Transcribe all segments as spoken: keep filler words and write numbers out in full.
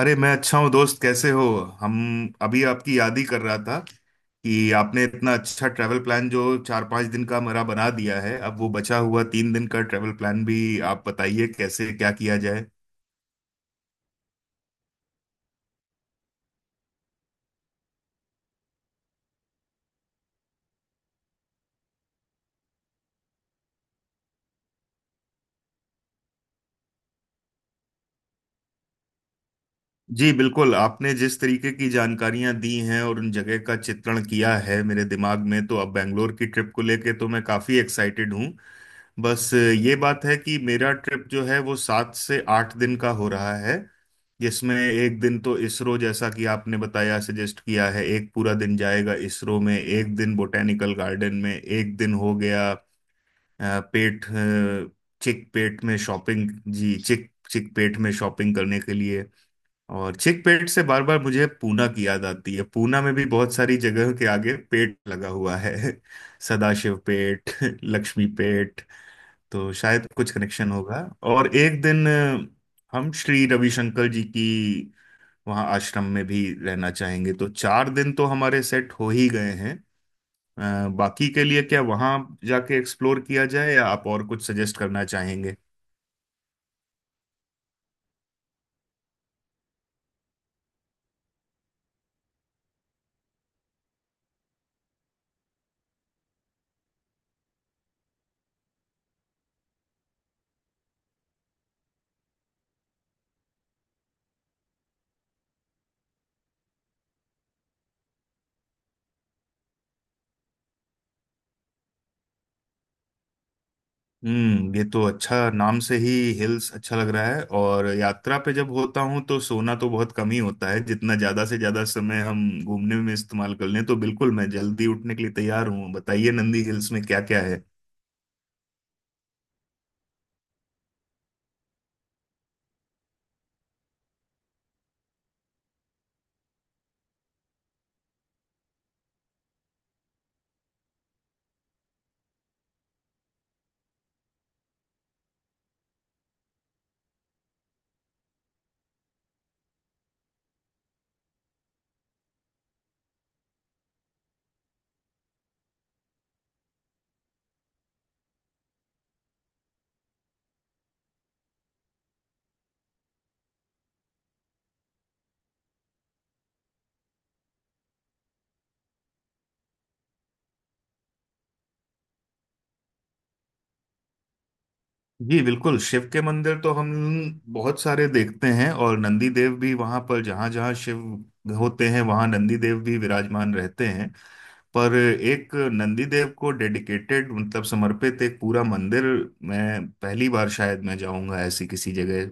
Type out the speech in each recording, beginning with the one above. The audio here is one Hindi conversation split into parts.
अरे, मैं अच्छा हूँ दोस्त, कैसे हो? हम अभी आपकी याद ही कर रहा था कि आपने इतना अच्छा ट्रैवल प्लान जो चार पांच दिन का मेरा बना दिया है, अब वो बचा हुआ तीन दिन का ट्रैवल प्लान भी आप बताइए कैसे क्या किया जाए। जी बिल्कुल, आपने जिस तरीके की जानकारियां दी हैं और उन जगह का चित्रण किया है मेरे दिमाग में, तो अब बेंगलोर की ट्रिप को लेके तो मैं काफी एक्साइटेड हूँ। बस ये बात है कि मेरा ट्रिप जो है वो सात से आठ दिन का हो रहा है। जिसमें एक दिन तो इसरो, जैसा कि आपने बताया सजेस्ट किया है, एक पूरा दिन जाएगा इसरो में। एक दिन बोटेनिकल गार्डन में। एक दिन हो गया अ, पेट अ, चिक पेट में शॉपिंग। जी, चिक चिक पेट में शॉपिंग करने के लिए। और चिक पेट से बार बार मुझे पूना की याद आती है। पूना में भी बहुत सारी जगह के आगे पेट लगा हुआ है सदाशिव पेट लक्ष्मी पेट। तो शायद कुछ कनेक्शन होगा। और एक दिन अ, हम श्री रविशंकर जी की वहाँ आश्रम में भी रहना चाहेंगे। तो चार दिन तो हमारे सेट हो ही गए हैं। अ, बाकी के लिए क्या वहाँ जाके एक्सप्लोर किया जाए या आप और कुछ सजेस्ट करना चाहेंगे? हम्म ये तो अच्छा नाम से ही हिल्स अच्छा लग रहा है। और यात्रा पे जब होता हूँ तो सोना तो बहुत कम ही होता है। जितना ज़्यादा से ज़्यादा समय हम घूमने में इस्तेमाल कर लें, तो बिल्कुल मैं जल्दी उठने के लिए तैयार हूँ। बताइए, नंदी हिल्स में क्या क्या है? जी बिल्कुल, शिव के मंदिर तो हम बहुत सारे देखते हैं, और नंदी देव भी वहां पर जहां जहां शिव होते हैं वहां नंदी देव भी विराजमान रहते हैं। पर एक नंदी देव को डेडिकेटेड मतलब समर्पित एक पूरा मंदिर, मैं पहली बार शायद मैं जाऊंगा ऐसी किसी जगह।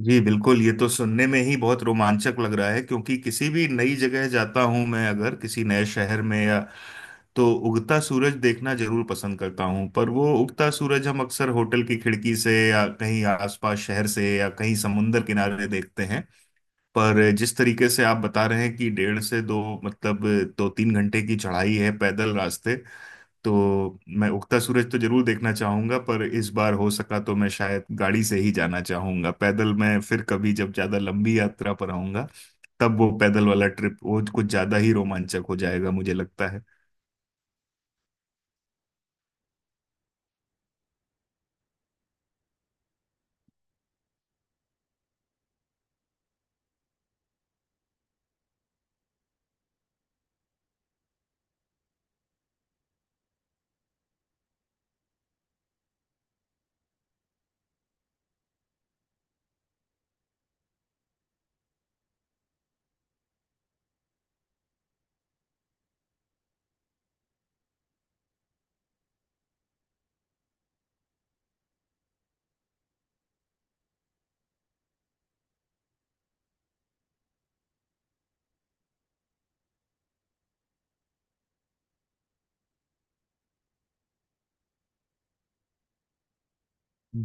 जी बिल्कुल, ये तो सुनने में ही बहुत रोमांचक लग रहा है। क्योंकि किसी भी नई जगह जाता हूं मैं, अगर किसी नए शहर में, या तो उगता सूरज देखना जरूर पसंद करता हूं। पर वो उगता सूरज हम अक्सर होटल की खिड़की से या कहीं आसपास शहर से या कहीं समुंदर किनारे देखते हैं। पर जिस तरीके से आप बता रहे हैं कि डेढ़ से दो मतलब दो तीन घंटे की चढ़ाई है पैदल रास्ते, तो मैं उगता सूरज तो जरूर देखना चाहूंगा। पर इस बार हो सका तो मैं शायद गाड़ी से ही जाना चाहूंगा। पैदल मैं फिर कभी जब ज्यादा लंबी यात्रा पर आऊंगा, तब वो पैदल वाला ट्रिप वो कुछ ज्यादा ही रोमांचक हो जाएगा मुझे लगता है।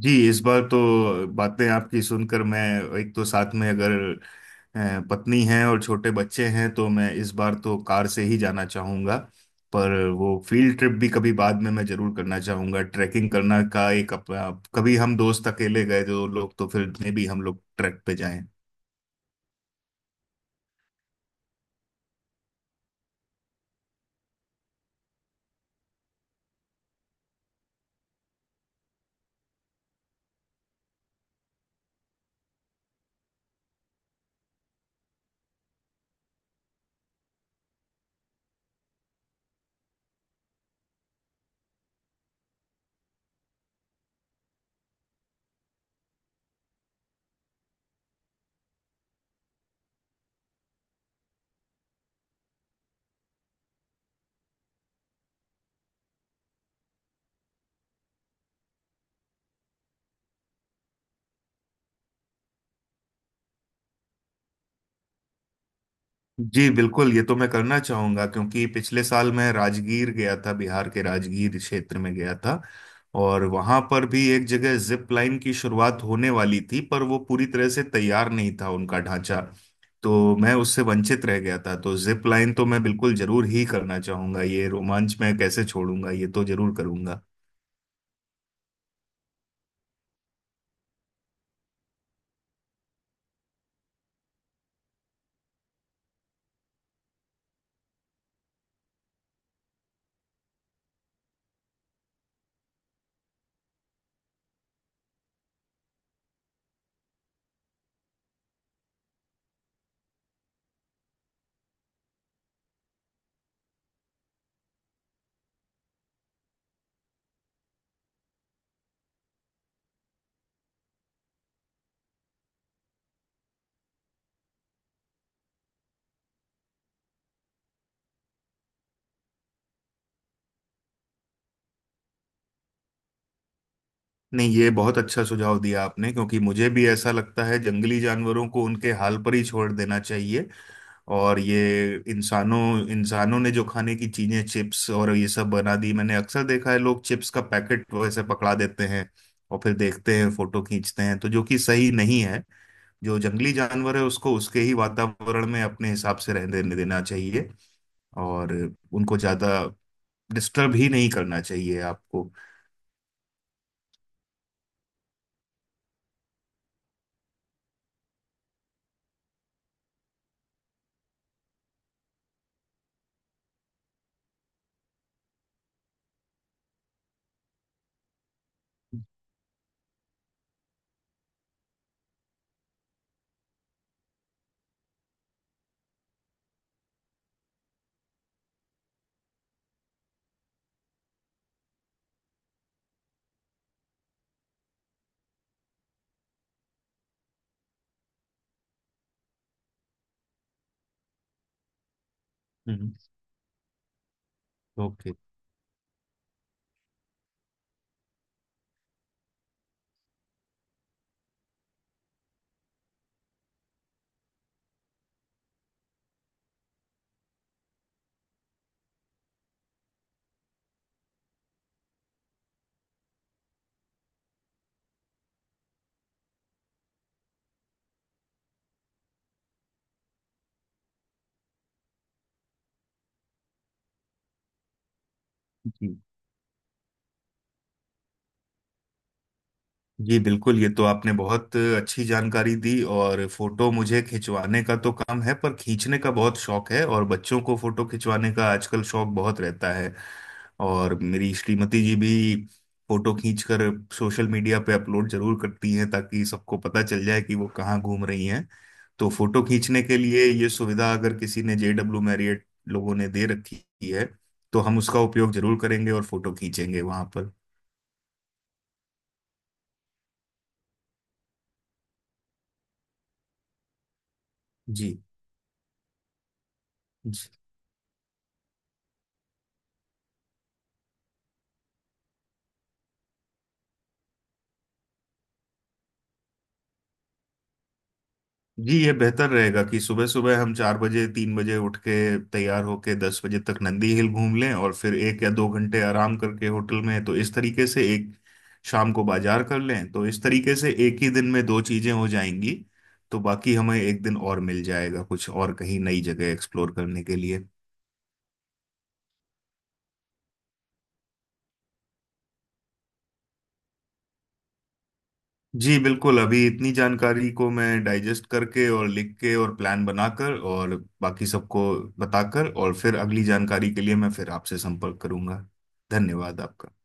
जी इस बार तो बातें आपकी सुनकर मैं, एक तो साथ में अगर अ, पत्नी है और छोटे बच्चे हैं, तो मैं इस बार तो कार से ही जाना चाहूँगा। पर वो फील्ड ट्रिप भी कभी बाद में मैं जरूर करना चाहूँगा। ट्रैकिंग करना का एक अपना, कभी हम दोस्त अकेले गए जो लोग तो फिर में भी हम लोग ट्रैक पे जाएं। जी बिल्कुल, ये तो मैं करना चाहूंगा। क्योंकि पिछले साल मैं राजगीर गया था, बिहार के राजगीर क्षेत्र में गया था। और वहां पर भी एक जगह जिप लाइन की शुरुआत होने वाली थी, पर वो पूरी तरह से तैयार नहीं था उनका ढांचा। तो मैं उससे वंचित रह गया था। तो जिप लाइन तो मैं बिल्कुल जरूर ही करना चाहूंगा। ये रोमांच मैं कैसे छोड़ूंगा? ये तो जरूर करूंगा। नहीं, ये बहुत अच्छा सुझाव दिया आपने। क्योंकि मुझे भी ऐसा लगता है जंगली जानवरों को उनके हाल पर ही छोड़ देना चाहिए। और ये इंसानों इंसानों ने जो खाने की चीजें चिप्स और ये सब बना दी, मैंने अक्सर देखा है लोग चिप्स का पैकेट वैसे पकड़ा देते हैं और फिर देखते हैं, फोटो खींचते हैं, तो जो कि सही नहीं है। जो जंगली जानवर है उसको उसके ही वातावरण में अपने हिसाब से रहने देने देना चाहिए। और उनको ज्यादा डिस्टर्ब ही नहीं करना चाहिए आपको। हम्म। ओके। जी बिल्कुल, ये तो आपने बहुत अच्छी जानकारी दी। और फोटो मुझे खिंचवाने का तो कम है, पर खींचने का बहुत शौक है। और बच्चों को फोटो खिंचवाने का आजकल शौक बहुत रहता है। और मेरी श्रीमती जी भी फोटो खींचकर सोशल मीडिया पे अपलोड जरूर करती हैं, ताकि सबको पता चल जाए कि वो कहाँ घूम रही हैं। तो फोटो खींचने के लिए ये सुविधा अगर किसी ने जेडब्ल्यू मैरियट लोगों ने दे रखी है, तो हम उसका उपयोग जरूर करेंगे और फोटो खींचेंगे वहां पर। जी। जी, ये बेहतर रहेगा कि सुबह सुबह हम चार बजे तीन बजे उठ के तैयार होके दस बजे तक नंदी हिल घूम लें। और फिर एक या दो घंटे आराम करके होटल में, तो इस तरीके से एक शाम को बाजार कर लें, तो इस तरीके से एक ही दिन में दो चीजें हो जाएंगी। तो बाकी हमें एक दिन और मिल जाएगा कुछ और कहीं नई जगह एक्सप्लोर करने के लिए। जी बिल्कुल, अभी इतनी जानकारी को मैं डाइजेस्ट करके और लिख के और प्लान बनाकर और बाकी सबको बताकर और फिर अगली जानकारी के लिए मैं फिर आपसे संपर्क करूंगा। धन्यवाद आपका।